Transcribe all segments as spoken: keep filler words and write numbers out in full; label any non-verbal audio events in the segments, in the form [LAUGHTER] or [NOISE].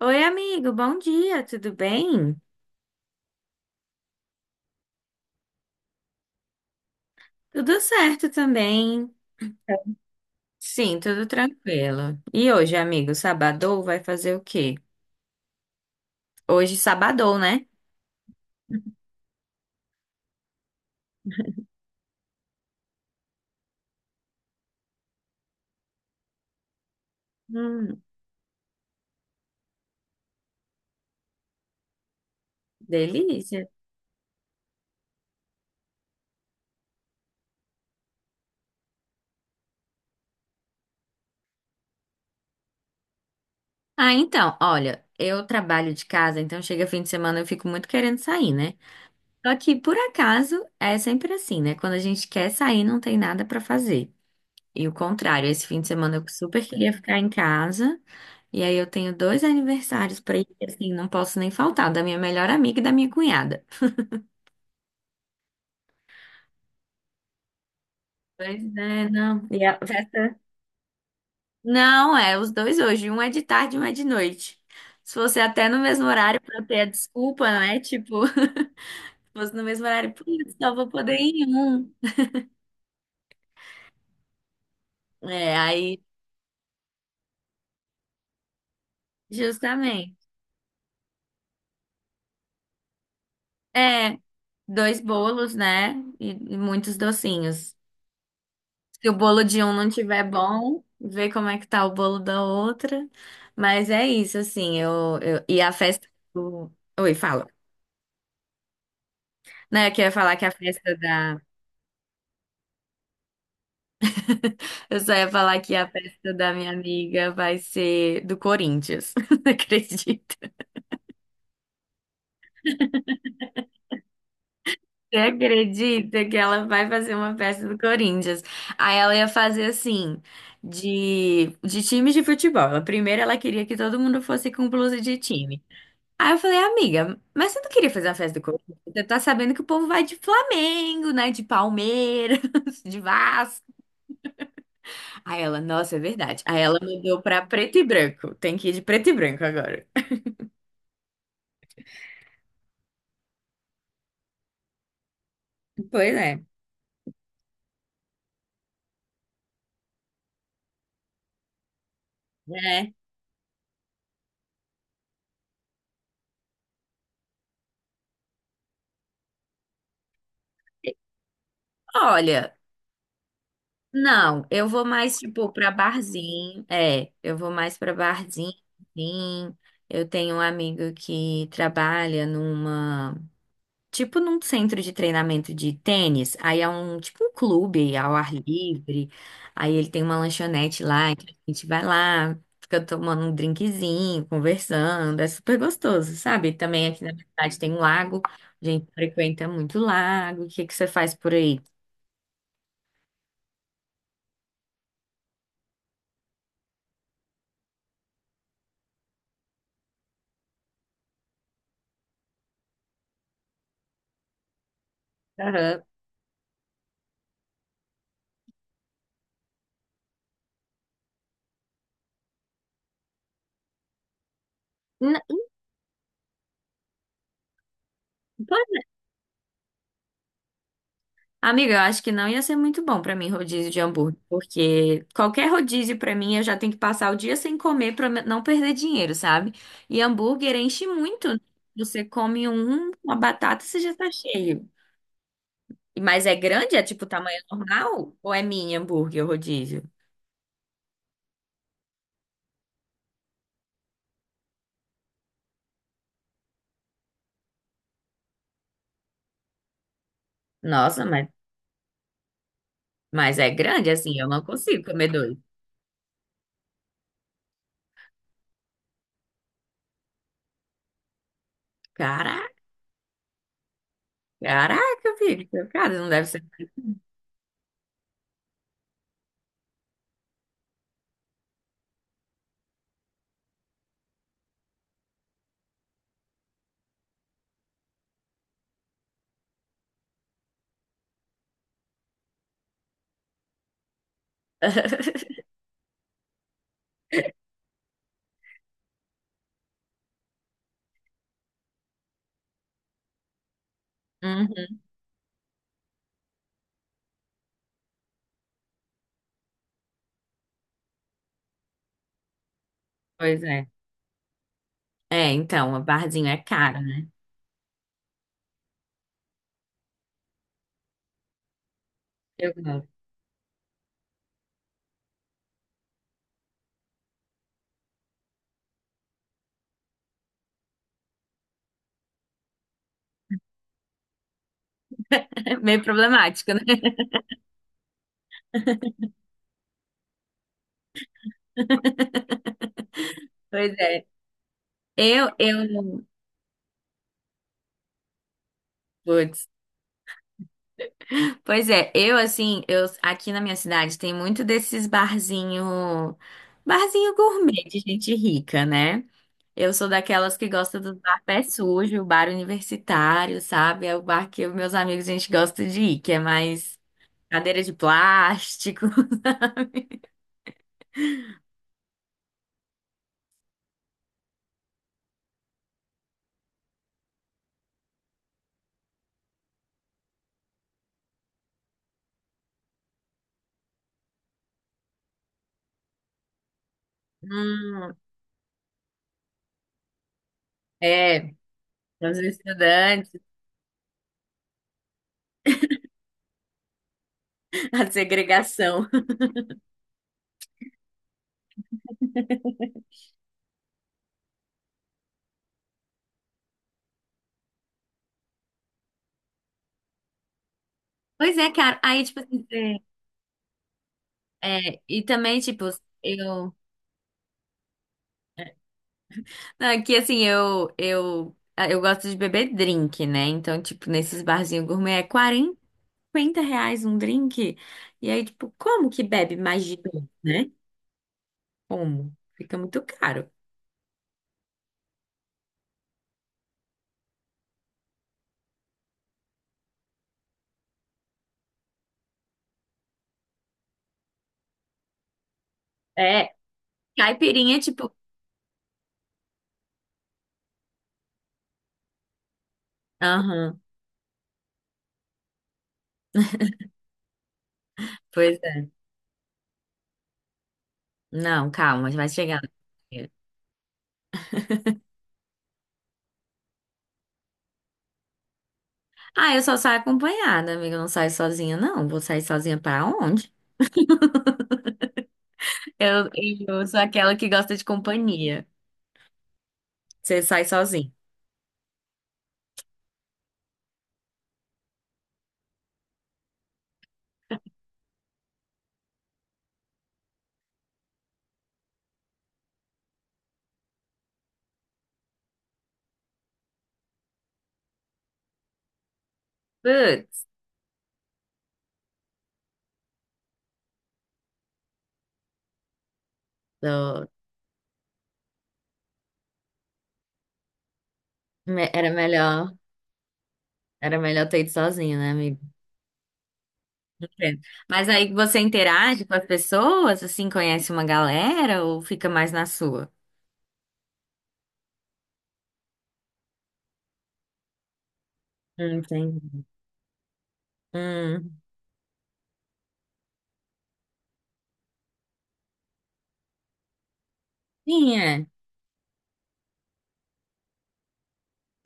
Oi, amigo, bom dia, tudo bem? Tudo certo também. Sim, tudo tranquilo. E hoje, amigo, sabadou vai fazer o quê? Hoje, sabadou, né? Hum, delícia. Ah, então, olha, eu trabalho de casa, então chega fim de semana eu fico muito querendo sair, né? Só que, por acaso, é sempre assim, né? Quando a gente quer sair, não tem nada pra fazer. E o contrário, esse fim de semana eu super queria ficar em casa. E aí eu tenho dois aniversários para ir, que, assim, não posso nem faltar, da minha melhor amiga e da minha cunhada. Pois é, não. E a festa? Não, é os dois hoje, um é de tarde e um é de noite. Se fosse até no mesmo horário para ter a desculpa, né? Tipo, [LAUGHS] se fosse no mesmo horário, putz, só vou poder ir em um. É, aí, justamente. É, dois bolos, né? E e muitos docinhos. Se o bolo de um não tiver bom, vê como é que tá o bolo da outra. Mas é isso, assim, eu, eu- e a festa do... Oi, fala. Não, é que eu ia falar que a festa da... Eu só ia falar que a festa da minha amiga vai ser do Corinthians. [LAUGHS] Não acredito. Você acredita que ela vai fazer uma festa do Corinthians? Aí ela ia fazer assim, de, de times de futebol. Ela, primeiro ela queria que todo mundo fosse com blusa de time. Aí eu falei, amiga, mas você não queria fazer uma festa do Corinthians? Você tá sabendo que o povo vai de Flamengo, né? De Palmeiras, [LAUGHS] de Vasco. Aí ela, nossa, é verdade. Aí ela mudou pra preto e branco. Tem que ir de preto e branco agora. Pois é. É. Olha, não, eu vou mais, tipo, pra barzinho. É, eu vou mais pra barzinho. Sim. Eu tenho um amigo que trabalha numa. Tipo num centro de treinamento de tênis, aí é um tipo um clube ao ar livre, aí ele tem uma lanchonete lá, então a gente vai lá, fica tomando um drinkzinho, conversando, é super gostoso, sabe? Também aqui na minha cidade tem um lago, a gente frequenta muito lago. O que que você faz por aí? Aham. N- Amiga, eu acho que não ia ser muito bom pra mim rodízio de hambúrguer, porque qualquer rodízio pra mim eu já tenho que passar o dia sem comer pra me- não perder dinheiro, sabe? E hambúrguer enche muito, né? Você come um, uma batata, você já tá cheio. E- Mas é grande? É tipo tamanho normal? Ou é mini hambúrguer o rodízio? Nossa, mas, mas é grande assim, eu não consigo comer dois. Caraca, caraca, filho, cara, não deve ser. Uhum, pois é. É, então, o barzinho é caro, né? Eu gosto. [LAUGHS] É meio problemático, né? Pois é. Eu, eu não. Putz. Pois é, eu assim, eu aqui na minha cidade tem muito desses barzinho, barzinho gourmet de gente rica, né? Eu sou daquelas que gosta do bar pé sujo, bar universitário, sabe? É o bar que os meus amigos a gente gosta de ir, que é mais cadeira de plástico. [LAUGHS] Hum, é, são os estudantes, [LAUGHS] a segregação. Pois é, cara. Aí, tipo assim, é, é, e também, tipo, eu. Aqui, assim, eu, eu, ah, eu gosto de beber drink, né? Então, tipo, nesses barzinhos gourmet é quarenta cinquenta reais um drink. E aí, tipo, como que bebe mais de dois, né? Como? Fica muito caro. É, caipirinha, tipo. Aham, pois é. Não, calma, vai chegar lá. Ah, eu só saio acompanhada, amiga. Eu não saio sozinha, não. Vou sair sozinha pra onde? [LAUGHS] Eu, eu sou aquela que gosta de companhia. Você sai sozinha. Putz, eu- me- era melhor. Era melhor ter ido sozinho, né, amigo? Entendo. Mas aí você interage com as pessoas, assim, conhece uma galera ou fica mais na sua? Hum, Entendi. Hum. Sim, é.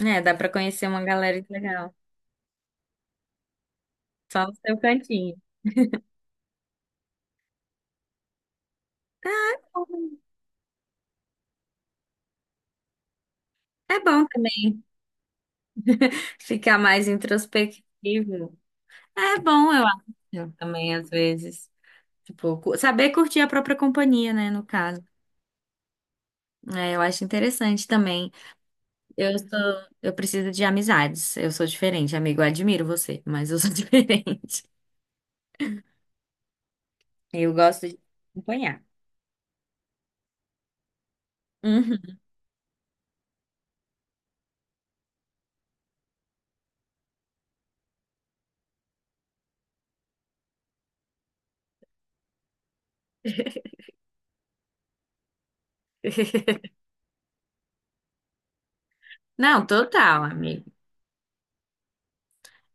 É, dá pra conhecer uma galera legal. Só no seu cantinho. É bom também ficar mais introspectivo. É bom, eu acho, também, às vezes. Tipo, cu- saber curtir a própria companhia, né, no caso. É, eu acho interessante também. Eu sou, eu preciso de amizades. Eu sou diferente, amigo. Eu admiro você, mas eu sou [LAUGHS] diferente. Eu gosto de acompanhar. Uhum. [LAUGHS] Não, total, amigo.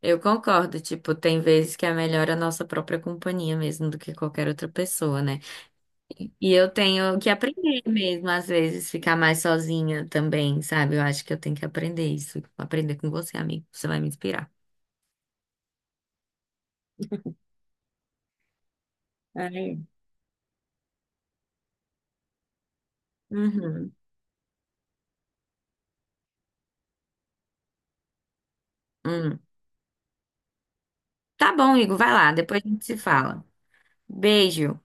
Eu concordo. Tipo, tem vezes que é melhor a nossa própria companhia mesmo do que qualquer outra pessoa, né? E eu tenho que aprender mesmo, às vezes, ficar mais sozinha também, sabe? Eu acho que eu tenho que aprender isso. Aprender com você, amigo. Você vai me inspirar. Aí. Uhum. Hum. Tá bom, Igor, vai lá. Depois a gente se fala. Beijo.